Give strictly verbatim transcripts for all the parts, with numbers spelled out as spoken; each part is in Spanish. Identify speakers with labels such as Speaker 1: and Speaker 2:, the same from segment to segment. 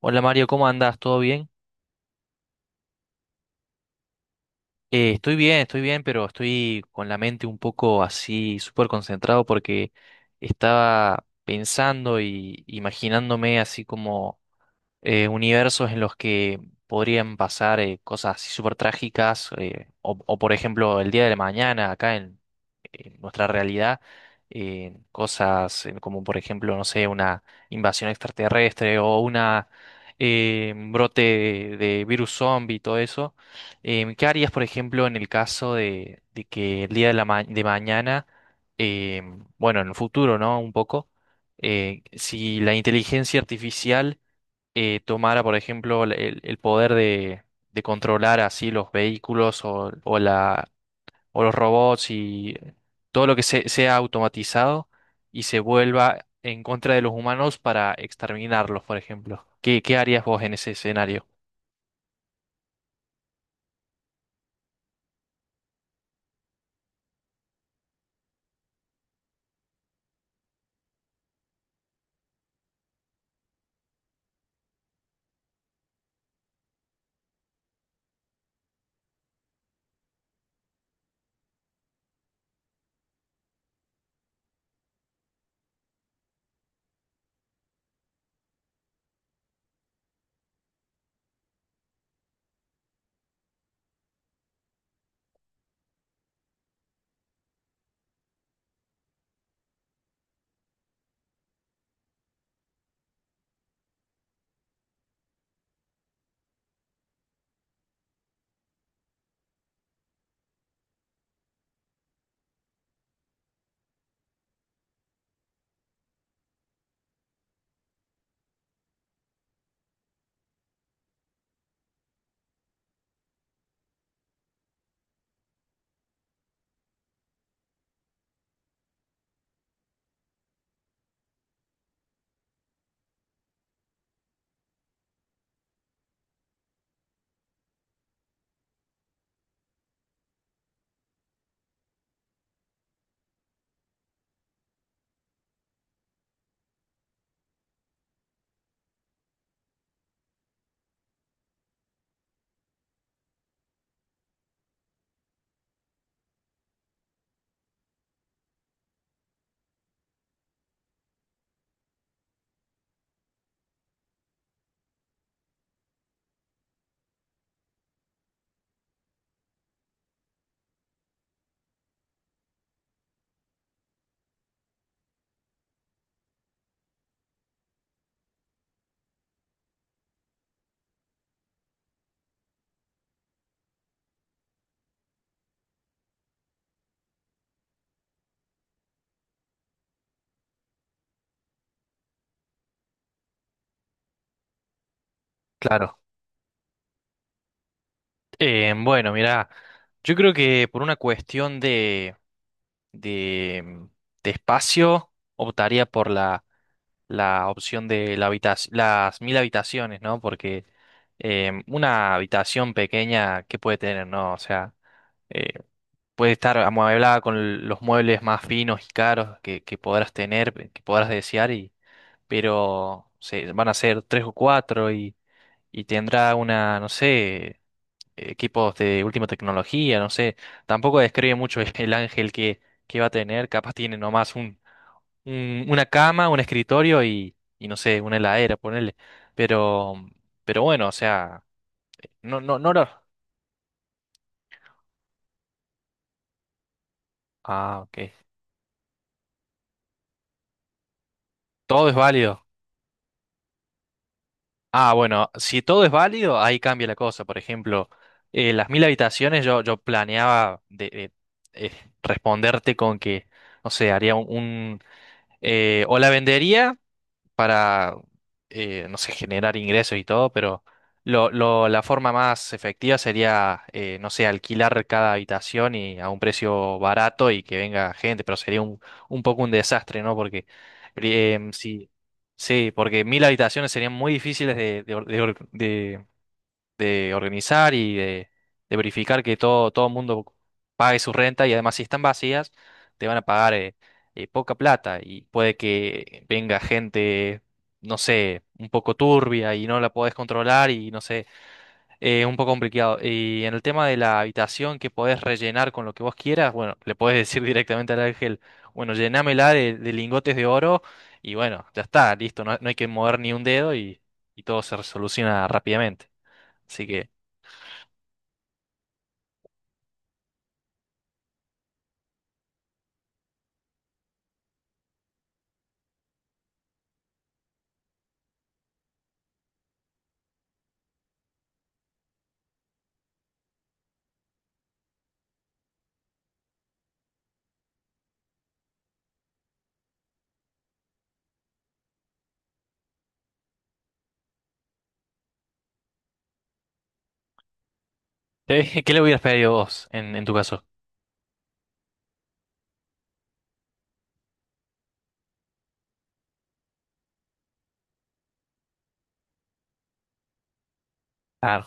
Speaker 1: Hola Mario, ¿cómo andas? ¿Todo bien? Eh, estoy bien, estoy bien, pero estoy con la mente un poco así, súper concentrado porque estaba pensando y imaginándome así como eh, universos en los que podrían pasar eh, cosas así súper trágicas, eh, o, o, por ejemplo el día de la mañana acá en, en nuestra realidad, eh, cosas eh, como por ejemplo, no sé, una invasión extraterrestre o una eh, un brote de, de virus zombie y todo eso. Em, ¿qué harías, por ejemplo, en el caso de, de que el día de la ma- de mañana, em, bueno, en el futuro, ¿no? Un poco, eh, si la inteligencia artificial eh, tomara, por ejemplo, la- el, el poder de, de controlar así los vehículos o, o la, o los robots y todo lo que se- sea automatizado y se vuelva en contra de los humanos para exterminarlos, por ejemplo. ¿Qué, qué harías vos en ese escenario? Claro. Eh, bueno, mira, yo creo que por una cuestión de, de, mm, de espacio optaría por la la opción de la habitac- las mil habitaciones, ¿no? Porque eh, una habitación pequeña, ¿qué puede tener, no? O sea, eh, puede estar amueblada con los muebles más finos y caros que, que podrás tener, que podrás desear, y, pero se, van a ser tres o cuatro y, y tendrá una, no sé, equipos de última tecnología, no sé. Tampoco describe mucho el ángel que, que va a tener, capaz tiene nomás un- una cama, un escritorio y, y no sé, una heladera, ponerle. Pero, pero bueno, o sea, no, no, no lo. Ah, ok. Todo es válido. Ah, bueno, si todo es válido, ahí cambia la cosa. Por ejemplo, eh, las mil habitaciones yo, yo planeaba de, de- eh, responderte con que, no sé, haría un, un, eh, o la vendería para, eh, no sé, generar ingresos y todo, pero lo, lo- la forma más efectiva sería, eh, no sé, alquilar cada habitación y a un precio barato y que venga gente, pero sería un, un poco un desastre, ¿no? Porque eh, sí, sí, porque mil habitaciones serían muy difíciles de, de or- de or- de de organizar y de, de verificar que todo, todo el mundo pague su renta y además si están vacías, te van a pagar eh, eh, poca plata y puede que venga gente, no sé, un poco turbia y no la podés controlar y no sé, es un poco complicado. Y en el tema de la habitación que podés rellenar con lo que vos quieras, bueno, le podés decir directamente al ángel, bueno, llenámela de, de lingotes de oro y bueno, ya está, listo, no, no hay que mover ni un dedo y, y todo se resoluciona rápidamente. Así que… Eh, ¿qué le hubieras pedido vos en, en tu caso? Claro,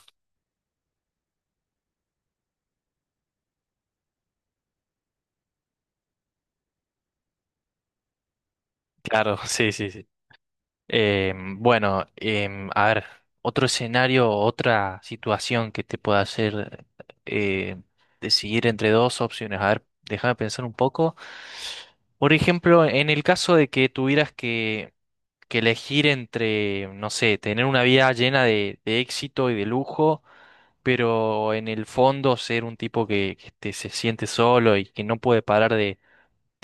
Speaker 1: claro, sí, sí, sí. Em, bueno, em, a ver, otro escenario, otra situación que te pueda hacer eh, decidir entre dos opciones. A ver, déjame pensar un poco. Por ejemplo, en el caso de que tuvieras que, que elegir entre, no sé, tener una vida llena de, de éxito y de lujo, pero en el fondo ser un tipo que, que te- se siente solo y que no puede parar de,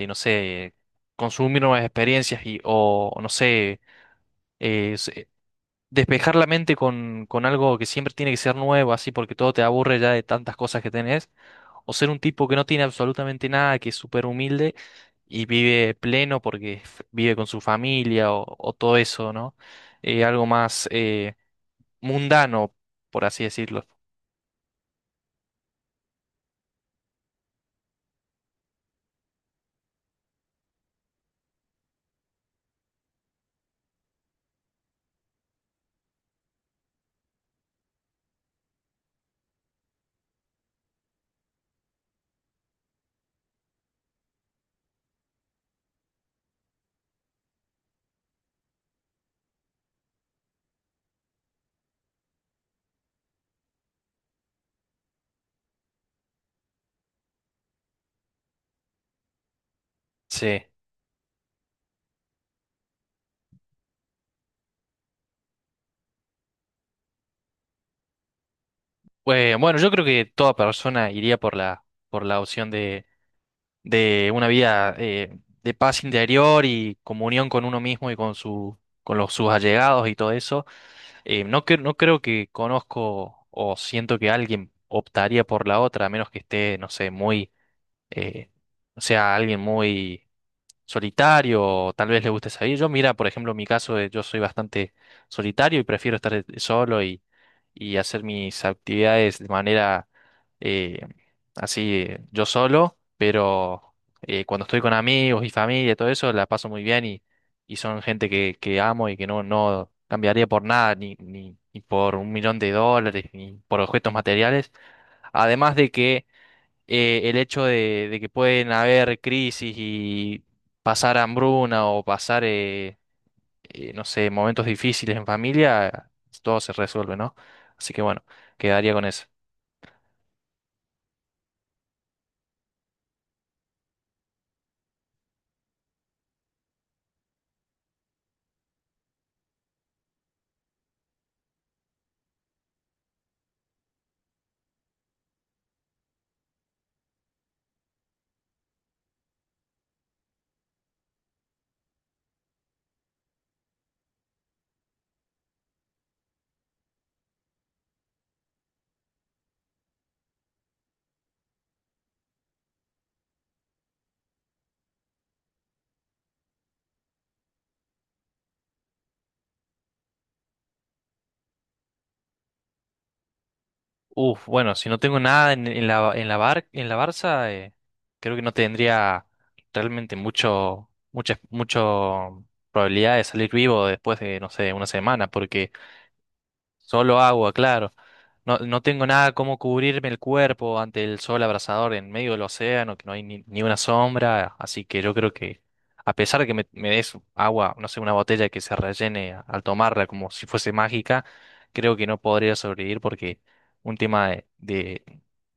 Speaker 1: no sé, consumir nuevas experiencias y, o, no sé, eh, se- despejar la mente con, con algo que siempre tiene que ser nuevo, así porque todo te aburre ya de tantas cosas que tenés, o ser un tipo que no tiene absolutamente nada, que es súper humilde y vive pleno porque f- vive con su familia o, o todo eso, ¿no? Eh, algo más eh, mundano, por así decirlo. Sí. Eh, bueno, yo creo que toda persona iría por la, por la opción de, de una vida eh, de paz interior y comunión con uno mismo y con su, con los, sus allegados y todo eso. Eh, no, cre- no creo que conozco o siento que alguien optaría por la otra, a menos que esté, no sé, muy, eh, o sea, alguien muy solitario o tal vez le guste salir. Yo, mira, por ejemplo, en mi caso, eh, yo soy bastante solitario y prefiero estar eh, solo y hacer mis actividades de manera eh, así eh, yo solo, pero eh, cuando estoy con amigos y familia, todo eso, la paso muy bien y, y son gente que, que amo y que no, no cambiaría por nada, ni, ni, ni por un millón de dólares, ni por objetos materiales. Además de que eh, el hecho de, de que pueden haber crisis y pasar hambruna o pasar… eh, eh, no sé, momentos difíciles en familia, todo se resuelve, ¿no? Así que bueno, quedaría con eso. Uf, bueno, si no tengo nada en, en la, en la Bar- en la Barça, eh, creo que no tendría realmente mucho, muchas, mucho probabilidad de salir vivo después de, no sé, una semana, porque… Solo agua, claro. No, no tengo nada como cubrirme el cuerpo ante el sol abrasador en medio del océano, que no hay ni, ni una sombra, así que yo creo que a pesar de que me, me des agua, no sé, una botella que se rellene a- al tomarla como si fuese mágica, creo que no podría sobrevivir porque un tema de, de,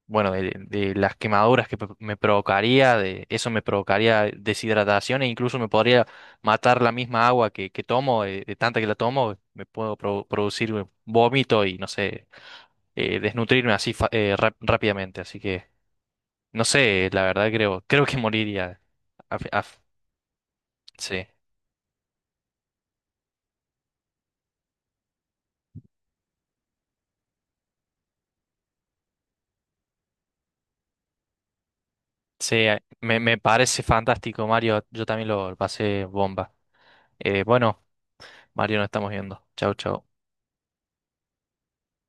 Speaker 1: bueno, de, de las quemaduras que p- me provocaría, de eso me provocaría deshidratación e incluso me podría matar la misma agua que, que tomo, eh, de tanta que la tomo, me puedo pro- producir vómito y no sé, eh, desnutrirme así fa- eh, rap- rápidamente. Así que, no sé, la verdad creo, creo que moriría. Af- af- sí, sí, eh, me, me parece fantástico, Mario. Yo también lo pasé bomba. Eh, bueno, Mario, nos estamos viendo. Chau, chau.